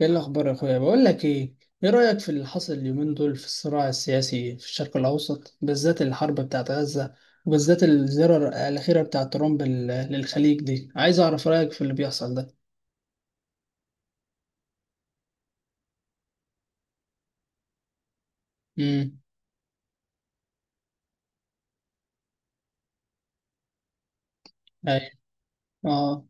ايه الاخبار يا اخويا؟ بقول لك ايه، ايه رايك في اللي حصل اليومين دول في الصراع السياسي في الشرق الاوسط، بالذات الحرب بتاعت غزه، وبالذات الزياره الاخيره بتاعت ترامب للخليج دي؟ عايز اعرف رايك في اللي بيحصل ده. امم ايوه، اه،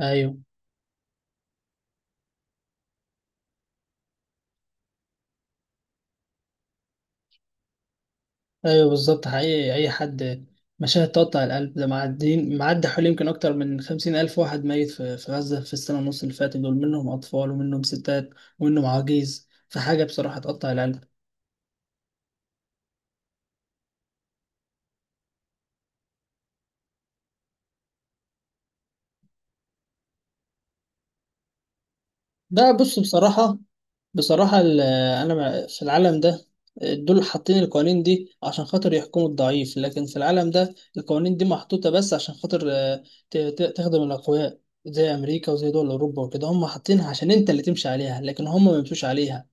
ايوه ايوه، بالظبط حقيقي. اي حد مشاهد تقطع القلب ده، معدين معدي حوالي يمكن اكتر من 50,000 واحد ميت في غزه في السنه ونص اللي فاتت، دول منهم اطفال ومنهم ستات ومنهم عواجيز، فحاجه بصراحه تقطع القلب. ده بص، بصراحة، بصراحة ال- أنا في العالم ده دول حاطين القوانين دي عشان خاطر يحكموا الضعيف، لكن في العالم ده القوانين دي محطوطة بس عشان خاطر تخدم الأقوياء زي أمريكا وزي دول أوروبا وكده. هم حاطينها عشان أنت اللي تمشي عليها، لكن هم ما بيمشوش عليها.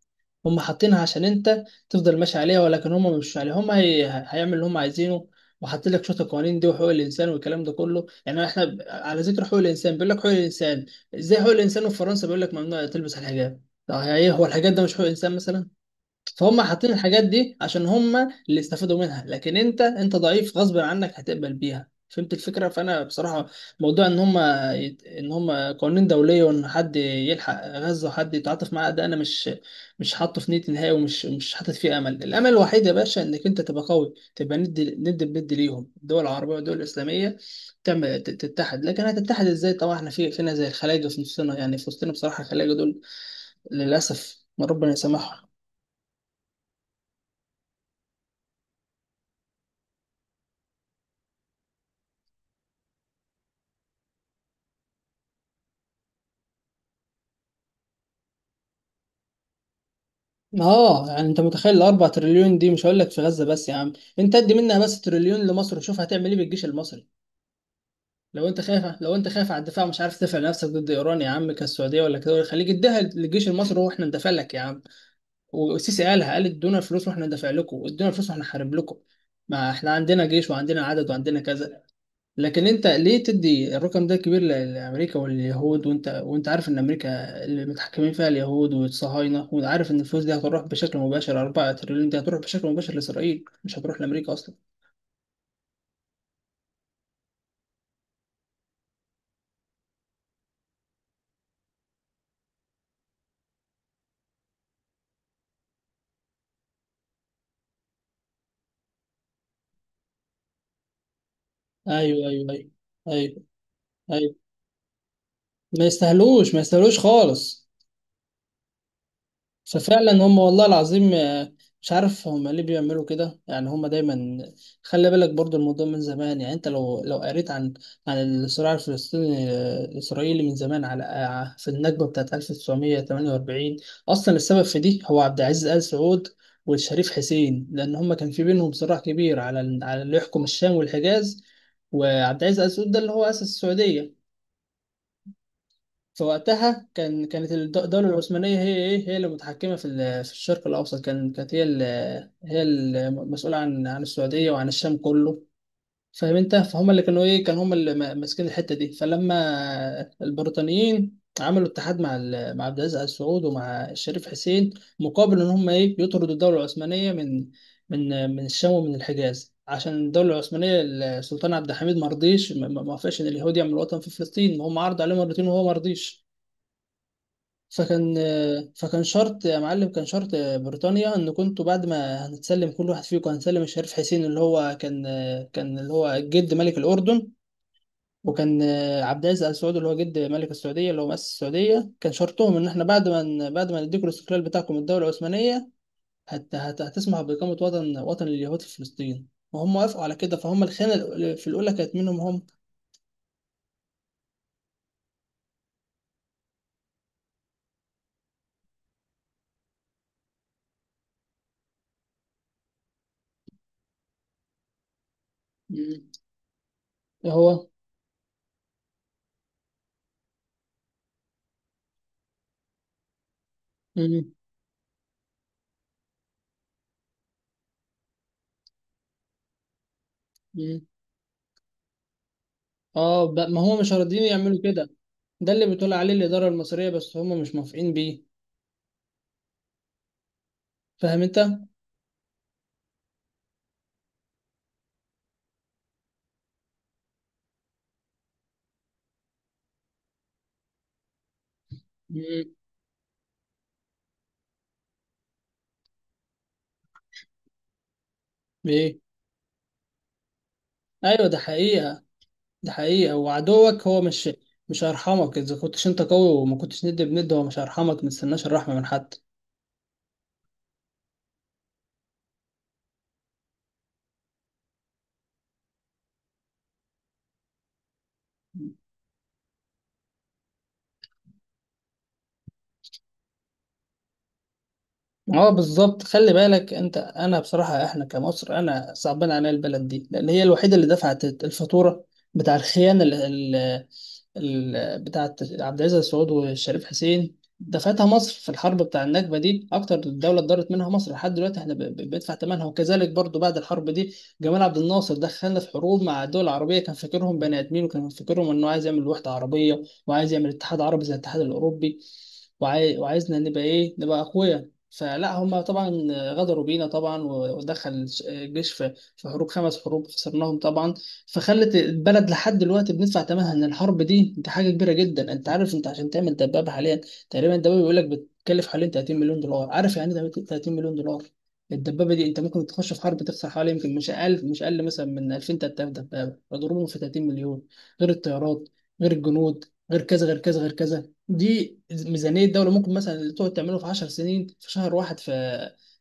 هم حاطينها عشان انت تفضل ماشي عليها، ولكن هم مش ماشيين عليها. هيعمل اللي هم عايزينه، وحاطين لك شويه القوانين دي وحقوق الانسان والكلام ده كله. يعني احنا على ذكر حقوق الانسان، بيقول لك حقوق الانسان. ازاي حقوق الانسان في فرنسا بيقول لك ممنوع تلبس الحجاب؟ طب هي ايه، هو الحجاب ده مش حقوق انسان مثلا؟ فهم حاطين الحاجات دي عشان هم اللي استفادوا منها، لكن انت ضعيف غصب عنك هتقبل بيها، فهمت الفكره؟ فانا بصراحه موضوع ان ان هم قوانين دوليه، وان حد يلحق غزه وحد يتعاطف معاه، ده انا مش حاطه في نيتي نهائي، ومش مش حاطط فيه امل. الامل الوحيد يا باشا انك انت تبقى قوي، تبقى ند ند بند ليهم، الدول العربيه والدول الاسلاميه تعمل تتحد. لكن هتتحد ازاي، طبعا احنا في فينا زي الخلايجه في نصنا، يعني في وسطنا بصراحه الخلايجه دول للاسف ربنا يسامحهم. اه يعني انت متخيل الاربع تريليون دي، مش هقول لك في غزه بس يا عم، انت ادي منها بس تريليون لمصر وشوف هتعمل ايه بالجيش المصري. لو انت خايف، لو انت خايف على الدفاع مش عارف تدافع نفسك ضد ايران يا عم، كالسعوديه ولا كده، خليك اديها للجيش المصري واحنا ندافع لك يا عم. والسيسي قالها، قال ادونا الفلوس واحنا ندافع لكم، ادونا الفلوس واحنا نحارب لكم. ما احنا عندنا جيش وعندنا عدد وعندنا كذا، لكن انت ليه تدي الرقم ده كبير لامريكا واليهود، وانت عارف ان امريكا اللي متحكمين فيها اليهود والصهاينه، وعارف ان الفلوس دي هتروح بشكل مباشر، 4 تريليون دي هتروح بشكل مباشر لاسرائيل مش هتروح لامريكا اصلا. ايوه، ايوه ايوه، ايوه، ايوه. ما يستاهلوش، ما يستاهلوش خالص. ففعلا هم والله العظيم مش عارف هم ليه بيعملوا كده، يعني هم دايما. خلي بالك برضو الموضوع من زمان، يعني انت لو قريت عن الصراع الفلسطيني الاسرائيلي من زمان، على في النكبه بتاعت 1948 اصلا، السبب في دي هو عبد العزيز ال سعود والشريف حسين، لان هم كان في بينهم صراع كبير على على اللي يحكم الشام والحجاز. وعبد العزيز ال سعود ده اللي هو اسس السعوديه. فوقتها كانت الدولة العثمانية هي هي اللي متحكمة في الشرق الأوسط. كانت هي هي المسؤولة عن السعودية وعن الشام كله. فاهم انت؟ فهم اللي كانوا ايه، كانوا هم اللي ماسكين الحتة دي. فلما البريطانيين عملوا اتحاد مع عبد العزيز آل سعود ومع الشريف حسين، مقابل ان هم ايه، يطردوا الدولة العثمانية من من الشام ومن الحجاز، عشان الدولة العثمانية السلطان عبد الحميد ما رضيش، ما وافقش ان اليهود يعملوا وطن في فلسطين. هم عرضوا عليه مرتين وهو ما رضيش. فكان فكان شرط يا معلم، كان شرط بريطانيا ان كنتوا بعد ما هنتسلم كل واحد فيكم، هنسلم الشريف حسين اللي هو كان، كان اللي هو جد ملك الاردن، وكان عبد العزيز ال سعود اللي هو جد ملك السعوديه اللي هو مؤسس السعوديه، كان شرطهم ان احنا بعد ما بعد ما نديكم الاستقلال بتاعكم من الدوله العثمانيه، هت هت هتسمح باقامه وطن لليهود في فلسطين. وهم وافقوا على كده، فهم الخيانه في الاولى كانت منهم هم. مم. هو مم. اه، ما هو مش راضيين يعملوا كده. ده اللي بتقول عليه الإدارة المصرية، بس هم مش موافقين بيه، فاهم انت؟ مم. ايه، ايوه ده حقيقة. ده حقيقة، وعدوك هو مش هيرحمك اذا كنتش انت قوي وما كنتش ند بند، هو مش هيرحمك، ما تستناش الرحمة من حد. اه بالظبط. خلي بالك انت، انا بصراحه احنا كمصر، انا صعبان عليا البلد دي، لان هي الوحيده اللي دفعت الفاتوره بتاع الخيانه بتاعت عبد العزيز السعود والشريف حسين. دفعتها مصر في الحرب بتاع النكبه دي، اكتر دوله اتضرت منها مصر لحد دلوقتي، احنا بندفع ثمنها. وكذلك برضو بعد الحرب دي جمال عبد الناصر دخلنا في حروب مع الدول العربيه، كان فاكرهم بني ادمين، وكان فاكرهم انه عايز يعمل وحده عربيه، وعايز يعمل اتحاد عربي زي الاتحاد الاوروبي، وعايزنا نبقى ايه، نبقى اقوياء. فلا هم طبعا غدروا بينا طبعا، ودخل الجيش في حروب، 5 حروب خسرناهم طبعا. فخلت البلد لحد دلوقتي بندفع ثمنها، ان الحرب دي حاجه كبيره جدا. انت عارف انت عشان تعمل دبابه حاليا تقريبا، الدبابه بيقول لك بتكلف حوالين 30 مليون دولار؟ عارف يعني ايه 30 مليون دولار؟ الدبابه دي انت ممكن تخش في حرب تخسر حوالي يمكن مش اقل مثلا من 2000 3000 دبابه، اضربهم في 30 مليون، غير الطيارات، غير الجنود، غير كذا غير كذا غير كذا. دي ميزانية دولة ممكن مثلا اللي تقعد تعمله في 10 سنين، في شهر واحد في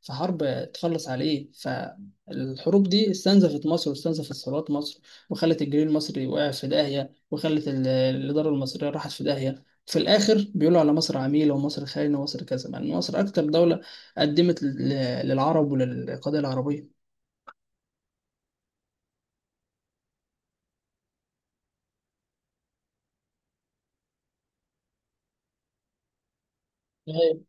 في حرب تخلص عليه. فالحروب دي استنزفت مصر واستنزفت ثروات مصر، وخلت الجنيه المصري وقع في داهية، وخلت الإدارة المصرية راحت في داهية. في الآخر بيقولوا على مصر عميلة ومصر خاينة ومصر كذا، مع إن مصر أكتر دولة قدمت للعرب وللقضية العربية. أيوة،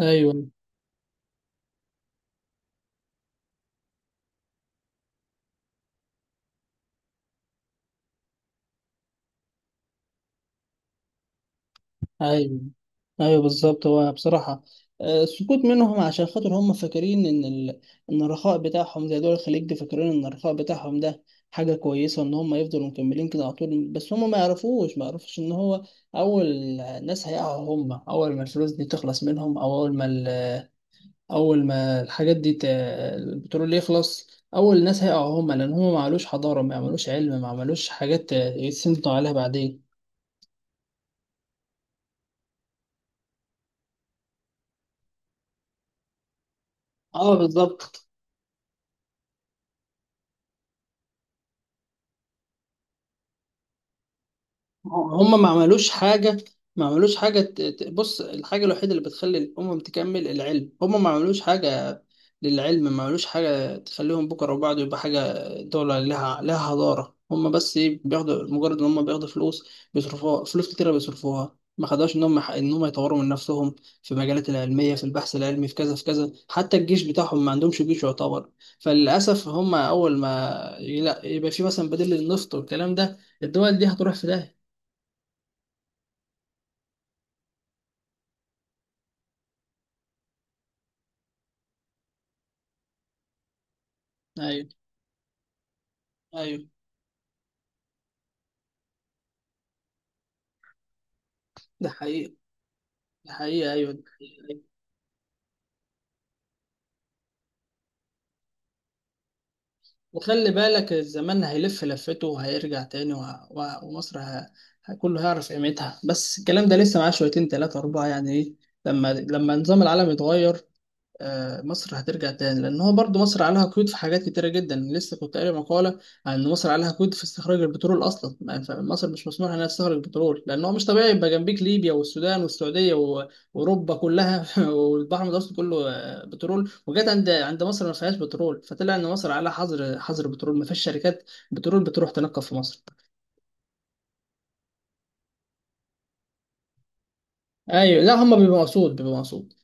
ايوه، ايوه ايوه بالظبط. هو بصراحه السكوت منهم عشان خاطر هم فاكرين ان الرخاء بتاعهم، زي دول الخليج دي، فاكرين ان الرخاء بتاعهم ده حاجه كويسه ان هم يفضلوا مكملين كده على طول. بس هم ما يعرفوش ان هو اول ناس هيقعوا هم، اول ما الفلوس دي تخلص منهم، او اول ما الحاجات البترول يخلص، اول ناس هيقعوا هم، لان هم ما عملوش حضاره، ما عملوش علم، ما عملوش حاجات يتسندوا عليها بعدين. اه بالظبط. هم ما عملوش حاجة، ما عملوش حاجة، بص الحاجة الوحيدة اللي بتخلي الأمم تكمل العلم، هم ما عملوش حاجة للعلم، ما عملوش حاجة تخليهم بكرة وبعد يبقى حاجة، دولة لها حضارة. هم بس إيه، بياخدوا، مجرد إن هم بياخدوا فلوس بيصرفوها، فلوس كتيرة بيصرفوها، ما خدوش إن هم يطوروا من نفسهم في المجالات العلمية، في البحث العلمي، في كذا في كذا، حتى الجيش بتاعهم ما عندهمش جيش يعتبر. فللأسف هم أول ما يبقى في مثلا بديل للنفط والكلام ده، الدول دي هتروح في ده. ايوه، ايوه ده حقيقي، ده حقيقي ايوه، ده حقيقي أيوة. وخلي بالك، الزمان هيلف لفته وهيرجع تاني، ومصر كله هيعرف قيمتها. بس الكلام ده لسه معاه شويتين، تلاتة أربعة يعني إيه، لما نظام العالم يتغير مصر هترجع تاني. لان هو برضو مصر عليها قيود في حاجات كتيره جدا، لسه كنت قاري مقاله عن ان مصر عليها قيود في استخراج البترول اصلا. يعني مصر مش مسموح انها تستخرج بترول، لان هو مش طبيعي يبقى جنبيك ليبيا والسودان والسعوديه واوروبا كلها والبحر المتوسط كله بترول، وجت عند مصر ما فيهاش بترول؟ فطلع ان مصر عليها حظر، حظر بترول، ما فيش شركات بترول بتروح تنقب في مصر. ايوه، لا هم بيبقوا مقصود، بيبقوا مقصود.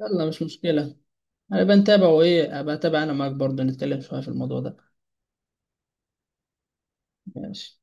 يلا مش مشكله، هبقى نتابع. وايه، هبقى اتابع انا معاك برضه، نتكلم شويه في الموضوع ده. ماشي.